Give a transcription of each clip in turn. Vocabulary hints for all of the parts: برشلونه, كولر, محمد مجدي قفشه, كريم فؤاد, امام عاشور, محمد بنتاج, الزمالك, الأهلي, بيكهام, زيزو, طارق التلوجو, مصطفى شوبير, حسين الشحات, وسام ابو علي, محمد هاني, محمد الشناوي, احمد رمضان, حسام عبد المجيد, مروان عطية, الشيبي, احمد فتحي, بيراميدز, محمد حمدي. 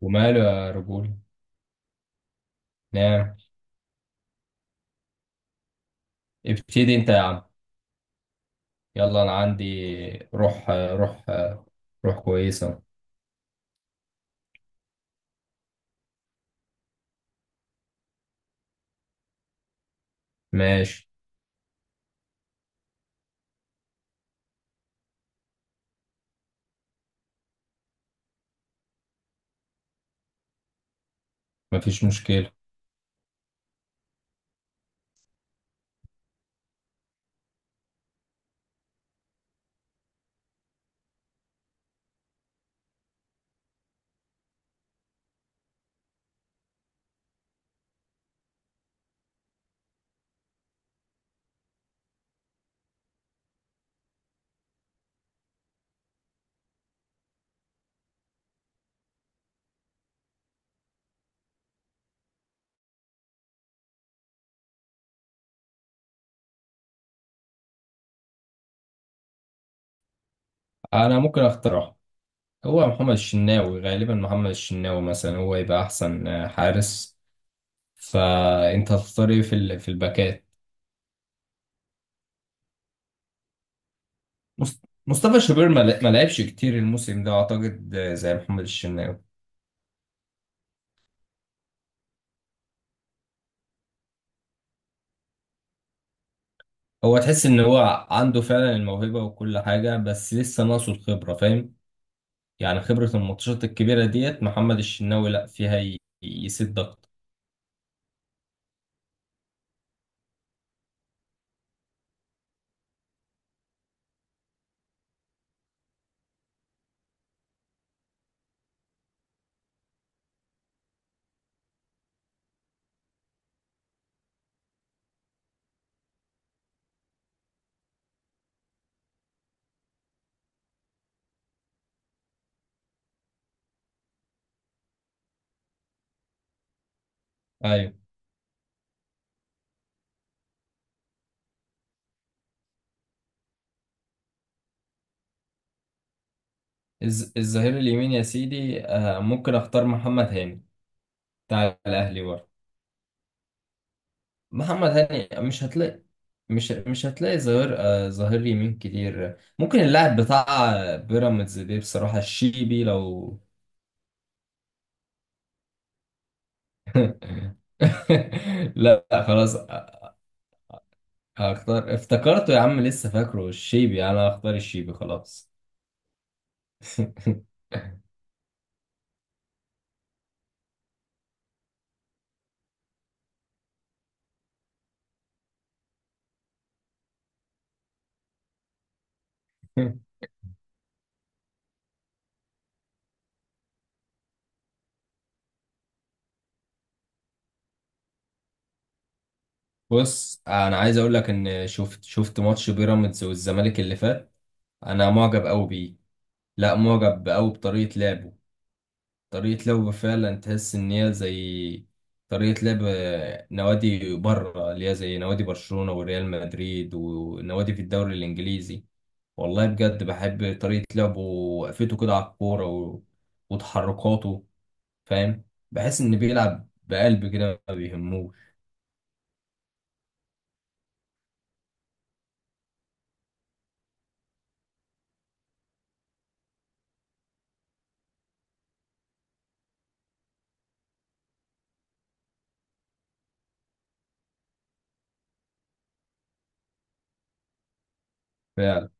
وماله يا رجولة؟ نعم. ابتدي انت يا عم، يلا. انا عندي روح كويسة. ماشي، مفيش مشكلة. انا ممكن اقترح، هو محمد الشناوي، غالبا محمد الشناوي مثلا هو يبقى احسن حارس. فانت هتختار ايه في الباكات مص- مصطفى شوبير ما لعبش كتير الموسم ده، اعتقد زي محمد الشناوي. هو تحس ان هو عنده فعلا الموهبة وكل حاجة، بس لسه ناقصه الخبرة، فاهم؟ يعني خبرة الماتشات الكبيرة ديت محمد الشناوي لا فيها يسد أكتر. أيوه. الظهير اليمين يا سيدي، ممكن أختار محمد هاني بتاع الأهلي برضه. محمد هاني مش هتلاقي، مش هتلاقي ظهير، ظهير يمين كتير. ممكن اللاعب بتاع بيراميدز دي بصراحة الشيبي لو لا خلاص، هختار، افتكرته يا عم، لسه فاكره الشيبي، أنا هختار الشيبي خلاص. بص انا عايز اقول لك ان شفت ماتش بيراميدز والزمالك اللي فات. انا معجب قوي بيه، لا معجب قوي بطريقه لعبه. طريقه لعبه فعلا تحس ان هي زي طريقه لعب نوادي بره، اللي هي زي نوادي برشلونه وريال مدريد ونوادي في الدوري الانجليزي. والله بجد بحب طريقه لعبه، وقفته كده على الكوره و... وتحركاته، فاهم؟ بحس ان بيلعب بقلب كده، ما بيهموش. فعلا.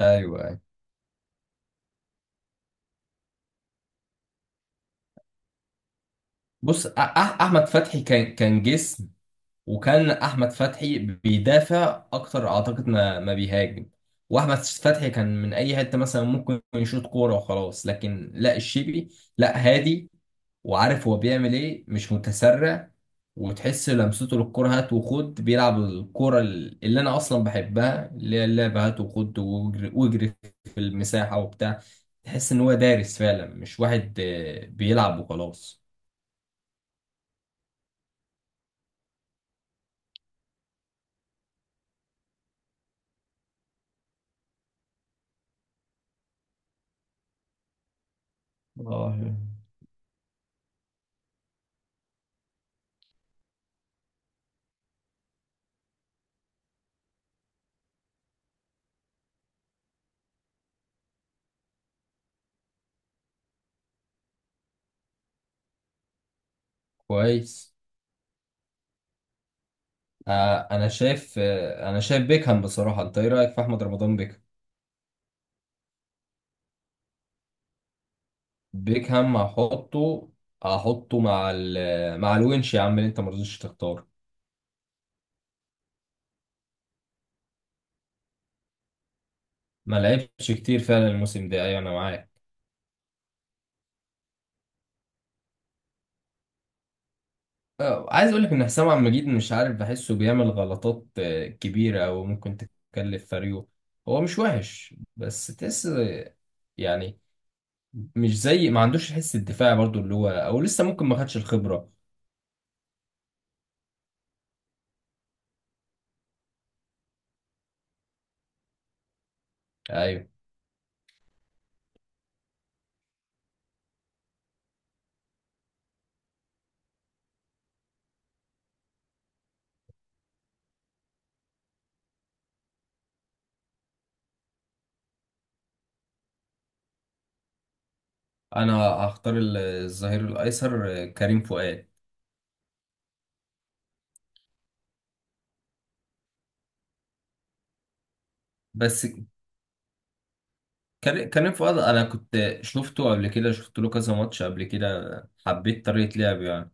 ايوه، أيوه. بص، احمد فتحي كان جسم. وكان احمد فتحي بيدافع اكتر اعتقد ما بيهاجم. واحمد فتحي كان من اي حته مثلا ممكن يشوط كوره وخلاص، لكن لا، الشيبي لا، هادي وعارف هو بيعمل ايه، مش متسرع. وتحس لمسته للكوره هات وخد، بيلعب الكوره اللي انا اصلا بحبها، اللي هي اللعبه هات وخد واجري واجري في المساحه وبتاع. تحس ان هو دارس فعلا، مش واحد بيلعب وخلاص. اه، كويس. انا شايف بيكهام بصراحه. انت ايه رايك في احمد رمضان بيكهام؟ بيكهام هحطه مع الونش يا عم اللي انت ما رضيتش تختار. ما لعبش كتير فعلا الموسم ده، ايوه انا معاك. عايز اقول لك ان حسام عبد المجيد، مش عارف، بحسه بيعمل غلطات كبيره، او ممكن تكلف فريقه. هو مش وحش، بس تحس يعني مش زي، ما عندوش الحس الدفاعي برضو اللي هو، او لسه ممكن ما خدش الخبره. ايوه، انا هختار الظهير الايسر كريم فؤاد. بس كريم فؤاد، انا كنت شفته قبل كده، شفت له كذا ماتش قبل كده، حبيت طريقة لعبه يعني.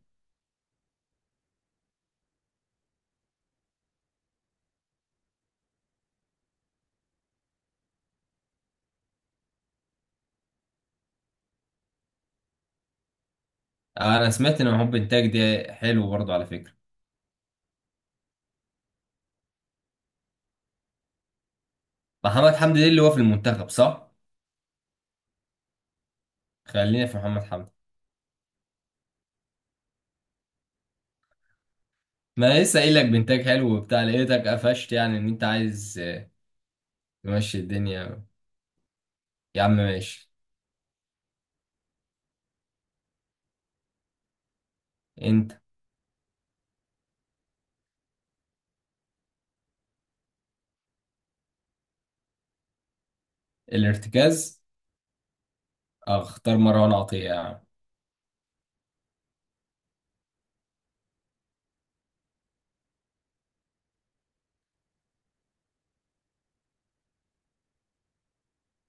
انا سمعت ان محمد بنتاج ده حلو برضه على فكرة. محمد حمدي ده اللي هو في المنتخب صح؟ خلينا في محمد حمدي. ما أنا لسه قايل لك بنتاج حلو وبتاع، لقيتك قفشت، يعني ان انت عايز، تمشي الدنيا. يا عم ماشي. انت. الارتكاز اختار مروان عطية يعني.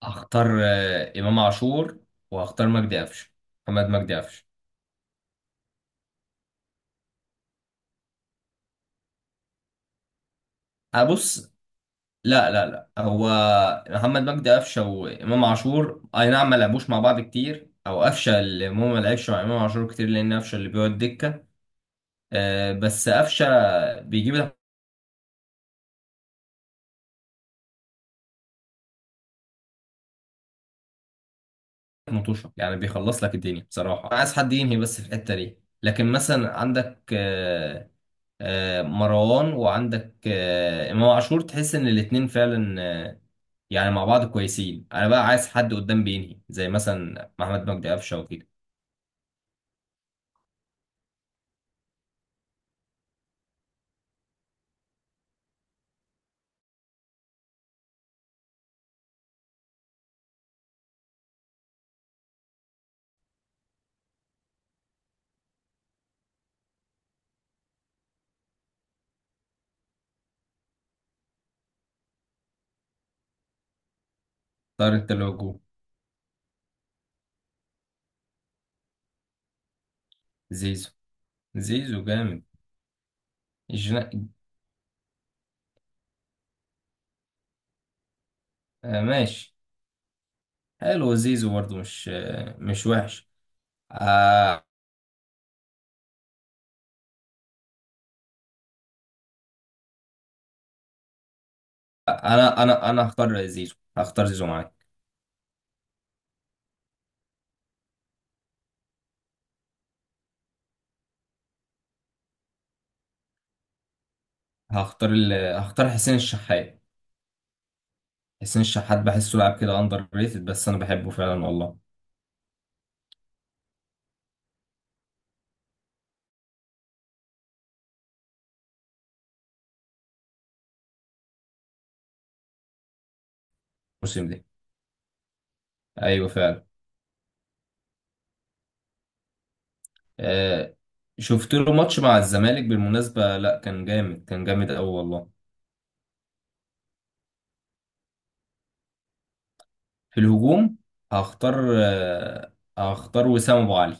هختار امام عاشور، وهختار مجدي قفشه، محمد مجدي قفشه. هبص، لا لا لا، هو محمد مجدي قفشه وامام عاشور اي نعم، ما لعبوش مع بعض كتير، او قفشه اللي هو ما لعبش مع امام عاشور كتير لان قفشه اللي بيقعد دكه. بس قفشه بيجيب لك مطوشه يعني، بيخلص لك الدنيا بصراحه. أنا عايز حد ينهي بس في الحته دي. لكن مثلا عندك مروان، وعندك امام عاشور، تحس ان الاتنين فعلا يعني مع بعض كويسين. انا بقى عايز حد قدام بينهي زي مثلا محمد مجدي قفشه وكده. طارق التلوجو. زيزو. زيزو جامد. جنا... آه ماشي، حلو زيزو برضه، مش وحش. آه، انا هختار زيزو، هختار زيزو معاك. هختار حسين الشحات. حسين الشحات بحسه لاعب كده اندر ريتد، بس انا بحبه فعلا والله. الموسم ده، ايوه فعلا. آه، شفت له ماتش مع الزمالك بالمناسبة، لا كان جامد، كان جامد قوي والله. في الهجوم هختار هختار وسام ابو علي.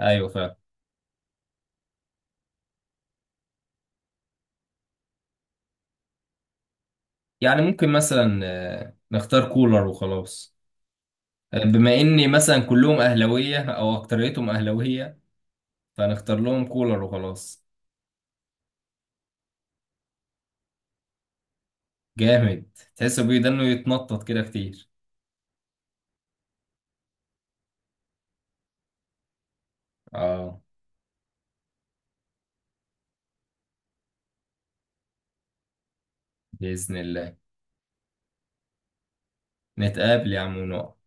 ايوه فعلا. يعني ممكن مثلا نختار كولر وخلاص. بما اني مثلا كلهم اهلاويه او اكتريتهم اهلاويه، فنختار لهم كولر وخلاص. جامد. تحسوا بيه ده انه يتنطط كده كتير. اه، باذن الله. نتقابل يا عم ونقعد.